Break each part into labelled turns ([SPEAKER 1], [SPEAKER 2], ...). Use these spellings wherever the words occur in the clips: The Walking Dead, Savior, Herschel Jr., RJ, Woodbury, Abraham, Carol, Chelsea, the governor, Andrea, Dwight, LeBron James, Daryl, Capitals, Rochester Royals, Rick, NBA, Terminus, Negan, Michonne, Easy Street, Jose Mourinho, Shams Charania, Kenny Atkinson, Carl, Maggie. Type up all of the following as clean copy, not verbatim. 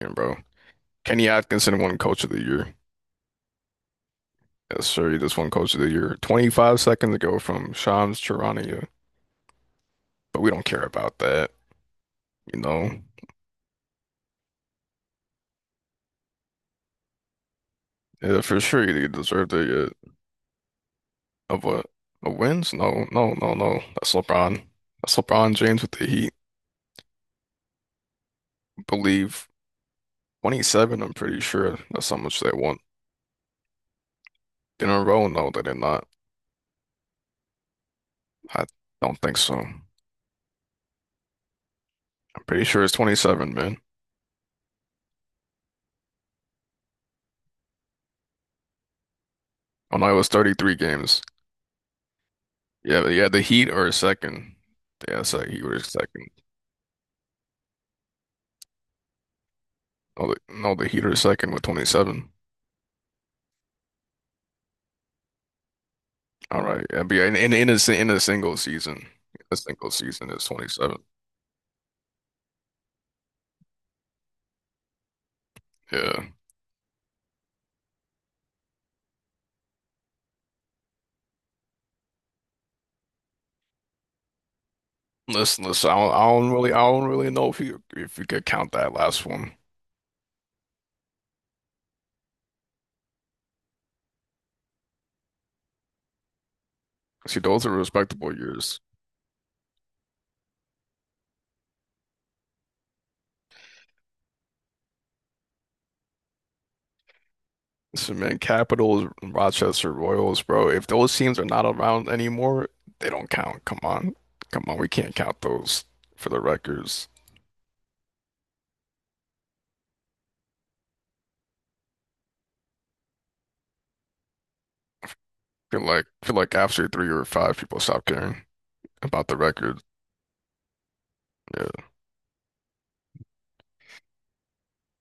[SPEAKER 1] Yeah, bro. Kenny Atkinson won Coach of the Year. Yes, sir. He just won Coach of the Year 25 seconds ago from Shams Charania. But we don't care about that, you know. Yeah, for sure he deserved of a, a wins. No, no, no, no. That's LeBron. That's LeBron James with the Heat. Believe 27, I'm pretty sure. That's how much they won. In a row? No, they did not. I don't think so. I'm pretty sure it's 27, man. Oh no, it was 33 games. Yeah, but yeah, the Heat are second. Yeah, so Heat were second. No, the Heat are second with 27. All right, NBA in a single season is 27. Yeah, listen, listen. I don't really know if you could count that last one. See, those are respectable years. Listen, man, Capitals, Rochester Royals, bro. If those teams are not around anymore, they don't count. Come on, come on. We can't count those for the records. Feel like after three or five, people stop caring about the record. Yeah.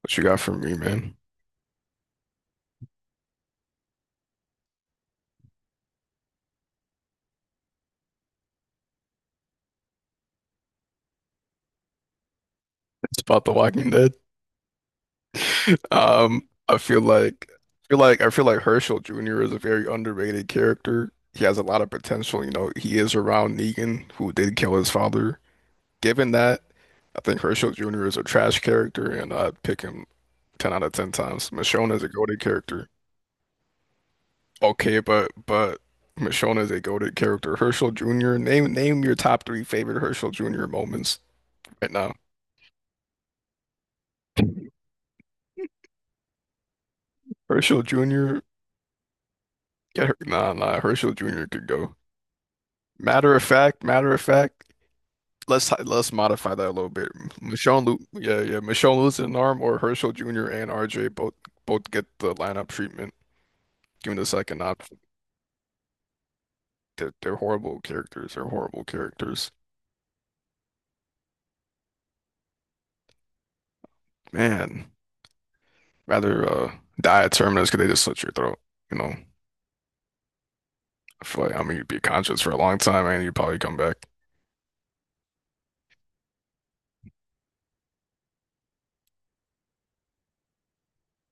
[SPEAKER 1] What you got for me, man? It's about The Walking Dead. I feel like Herschel Jr. is a very underrated character. He has a lot of potential. He is around Negan, who did kill his father. Given that, I think Herschel Jr. is a trash character, and I'd pick him 10 out of 10 times. Michonne is a goated character. Okay, but Michonne is a goated character. Herschel Jr. Name your top three favorite Herschel Jr. moments right now. Herschel Jr. Get her. Nah, nah. Herschel Jr. could go. Matter of fact. Let's modify that a little bit. Michonne, lo yeah, yeah. Michonne losing an arm or Herschel Jr. and RJ both get the lineup treatment. Given the second option, they're horrible characters. They're horrible characters. Man, rather die a terminus because they just slit your throat. You know. I feel like, I mean, you'd be conscious for a long time, and you'd probably come back.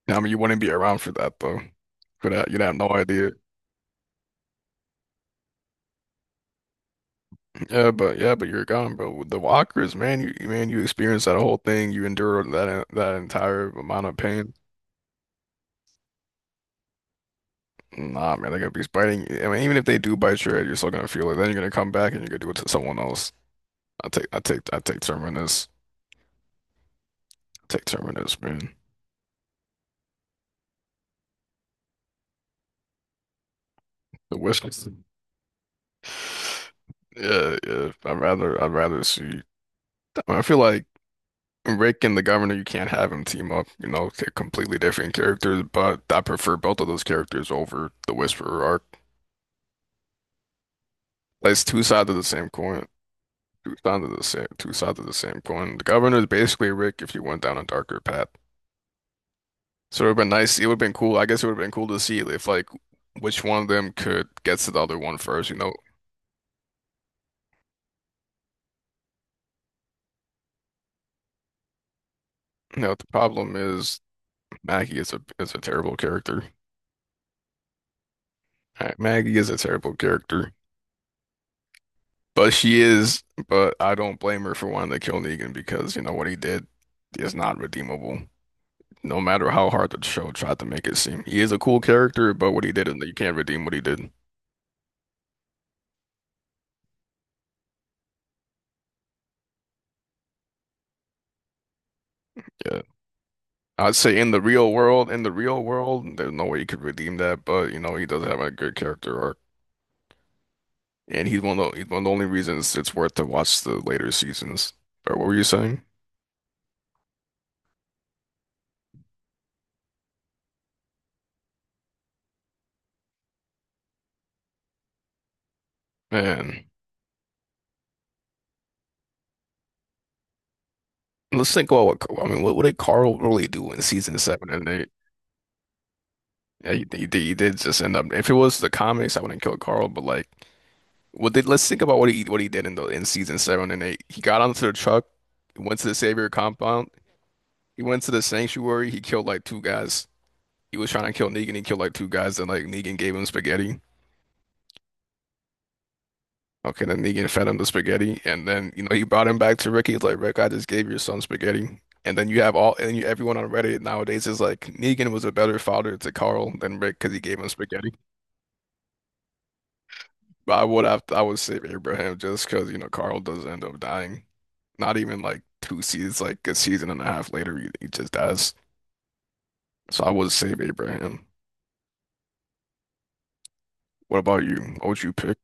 [SPEAKER 1] I mean, you wouldn't be around for that though. For that, you'd have no idea. Yeah, but you're gone, bro. With The walkers, man, man, you experienced that whole thing. You endured that entire amount of pain. Nah, man, they're gonna be biting. I mean, even if they do bite your head, you're still gonna feel it. Then you're gonna come back and you're gonna do it to someone else. I take Terminus. I take Terminus, man. The wishes. Yeah, yeah. I'd rather see. I feel like. Rick and the governor, you can't have them team up. You know, they're completely different characters, but I prefer both of those characters over the Whisperer arc. It's two sides of the same coin. Two sides of the same coin. The governor is basically Rick if you went down a darker path. So it would have been nice. It would have been cool. I guess it would have been cool to see if like which one of them could get to the other one first. You know, the problem is Maggie is a terrible character. Maggie is a terrible character. But she is, but I don't blame her for wanting to kill Negan because, you know, what he did is not redeemable. No matter how hard the show tried to make it seem. He is a cool character, but what he did, and you can't redeem what he did. Yeah. I'd say in the real world, in the real world, there's no way you could redeem that, but you know, he does have a good character arc. And he's he's one of the only reasons it's worth to watch the later seasons. But what were you saying? Man, let's think about what, I mean, what did Carl really do in season seven and eight? Yeah, you did just end up. If it was the comics, I wouldn't kill Carl. But like, what did? Let's think about what he did in the in season seven and eight. He got onto the truck, went to the Savior compound. He went to the sanctuary. He killed like two guys. He was trying to kill Negan. He killed like two guys. Then like Negan gave him spaghetti. Okay, then Negan fed him the spaghetti, and then you know he brought him back to Rick. He's like, Rick, I just gave your son spaghetti. And then you have everyone on Reddit nowadays is like, Negan was a better father to Carl than Rick because he gave him spaghetti. But I would save Abraham just because you know Carl does end up dying. Not even like two seasons, like a season and a half later, he just dies. So I would save Abraham. What about you? What would you pick?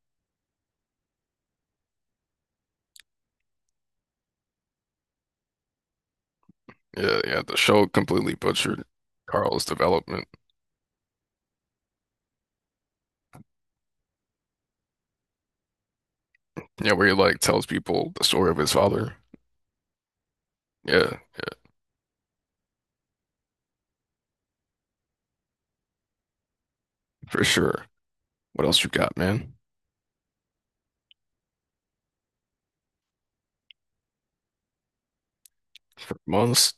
[SPEAKER 1] Yeah, yeah. The show completely butchered Carl's development. Yeah, where he like tells people the story of his father. Yeah, yeah, for sure. What else you got, man? For months.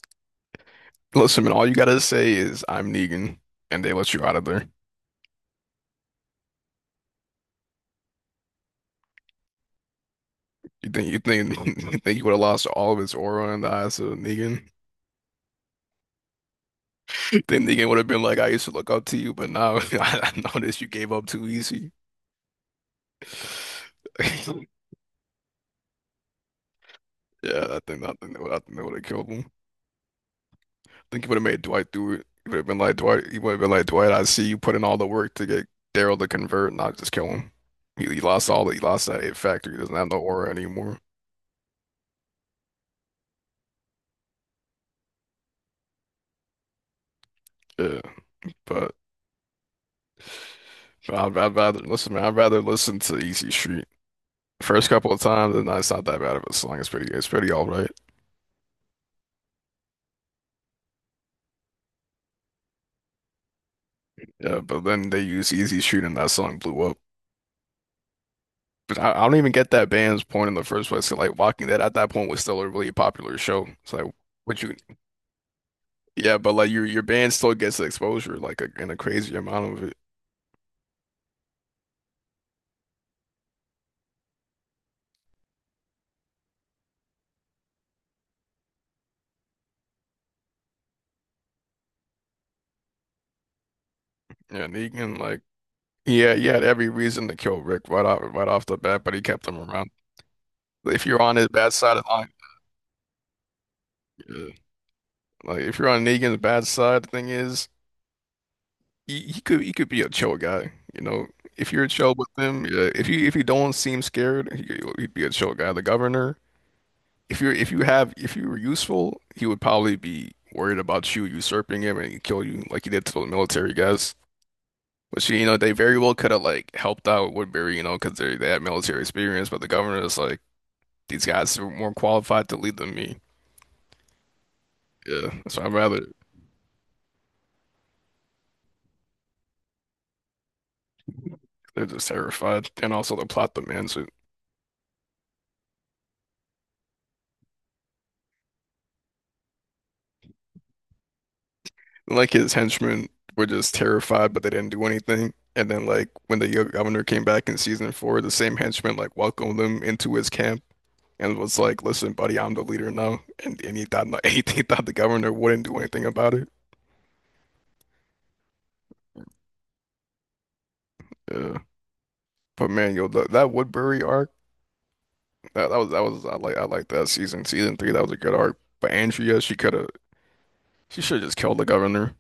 [SPEAKER 1] Listen, man. All you gotta say is I'm Negan, and they let you out of there. You think you think you would have lost all of his aura in the eyes of Negan? Then the game would have been like, I used to look up to you, but now I noticed you gave up too easy. Yeah, I think they would have killed him. I think he would have made Dwight do it. He would have been like Dwight. I see you put in all the work to get Daryl to convert, not just kill him. He lost all. The He lost that it factor. He doesn't have no aura anymore. Yeah, but, but I'd rather listen, man. I'd rather listen to Easy Street. First couple of times, and it's not that bad of a song. It's pretty all right. Yeah, but then they used Easy Street, and that song blew up. 'Cause I don't even get that band's point in the first place. 'Cause, like Walking Dead at that point was still a really popular show. It's like what you, yeah, but like your band still gets the exposure, in a crazy amount of it. Yeah, Negan, like yeah, he had every reason to kill Rick right off the bat, but he kept him around. If you're on his bad side of the line, yeah. Like if you're on Negan's bad side, the thing is, he could be a chill guy, you know. If you're chill with him, yeah. If you don't seem scared, he'd be a chill guy. The governor. If you were useful, he would probably be worried about you usurping him and kill you like he did to the military guys. Which you know they very well could have like helped out Woodbury, you know, because they had military experience, but the governor is like these guys are more qualified to lead than me. Yeah, so I'd rather they're just terrified, and also the plot demands it. Like his henchmen were just terrified, but they didn't do anything. And then like when the governor came back in season four, the same henchmen like welcomed them into his camp and was like, "Listen, buddy, I'm the leader now," and he thought he, he thought the governor wouldn't do anything about it. Yeah, but man, yo, that Woodbury arc, that was I I like that season three. That was a good arc. But Andrea, she should have just killed the governor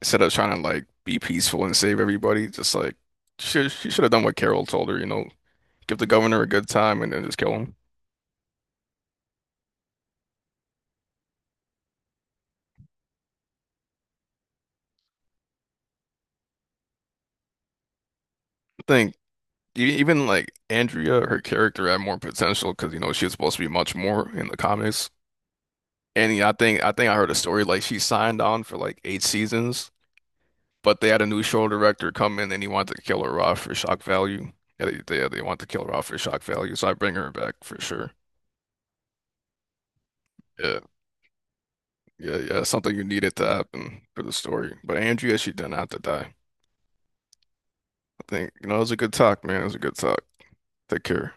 [SPEAKER 1] instead of trying to like be peaceful and save everybody. Just like she should have done what Carol told her, you know, give the governor a good time and then just kill him. I think. Even like Andrea, her character had more potential because you know she was supposed to be much more in the comics. And yeah, I think I heard a story like she signed on for like eight seasons, but they had a new show director come in and he wanted to kill her off for shock value. Yeah, they want to kill her off for shock value, so I bring her back for sure. Yeah, yeah, yeah. Something you needed to happen for the story. But Andrea, she didn't have to die. I think, you know, it was a good talk, man. It was a good talk. Take care.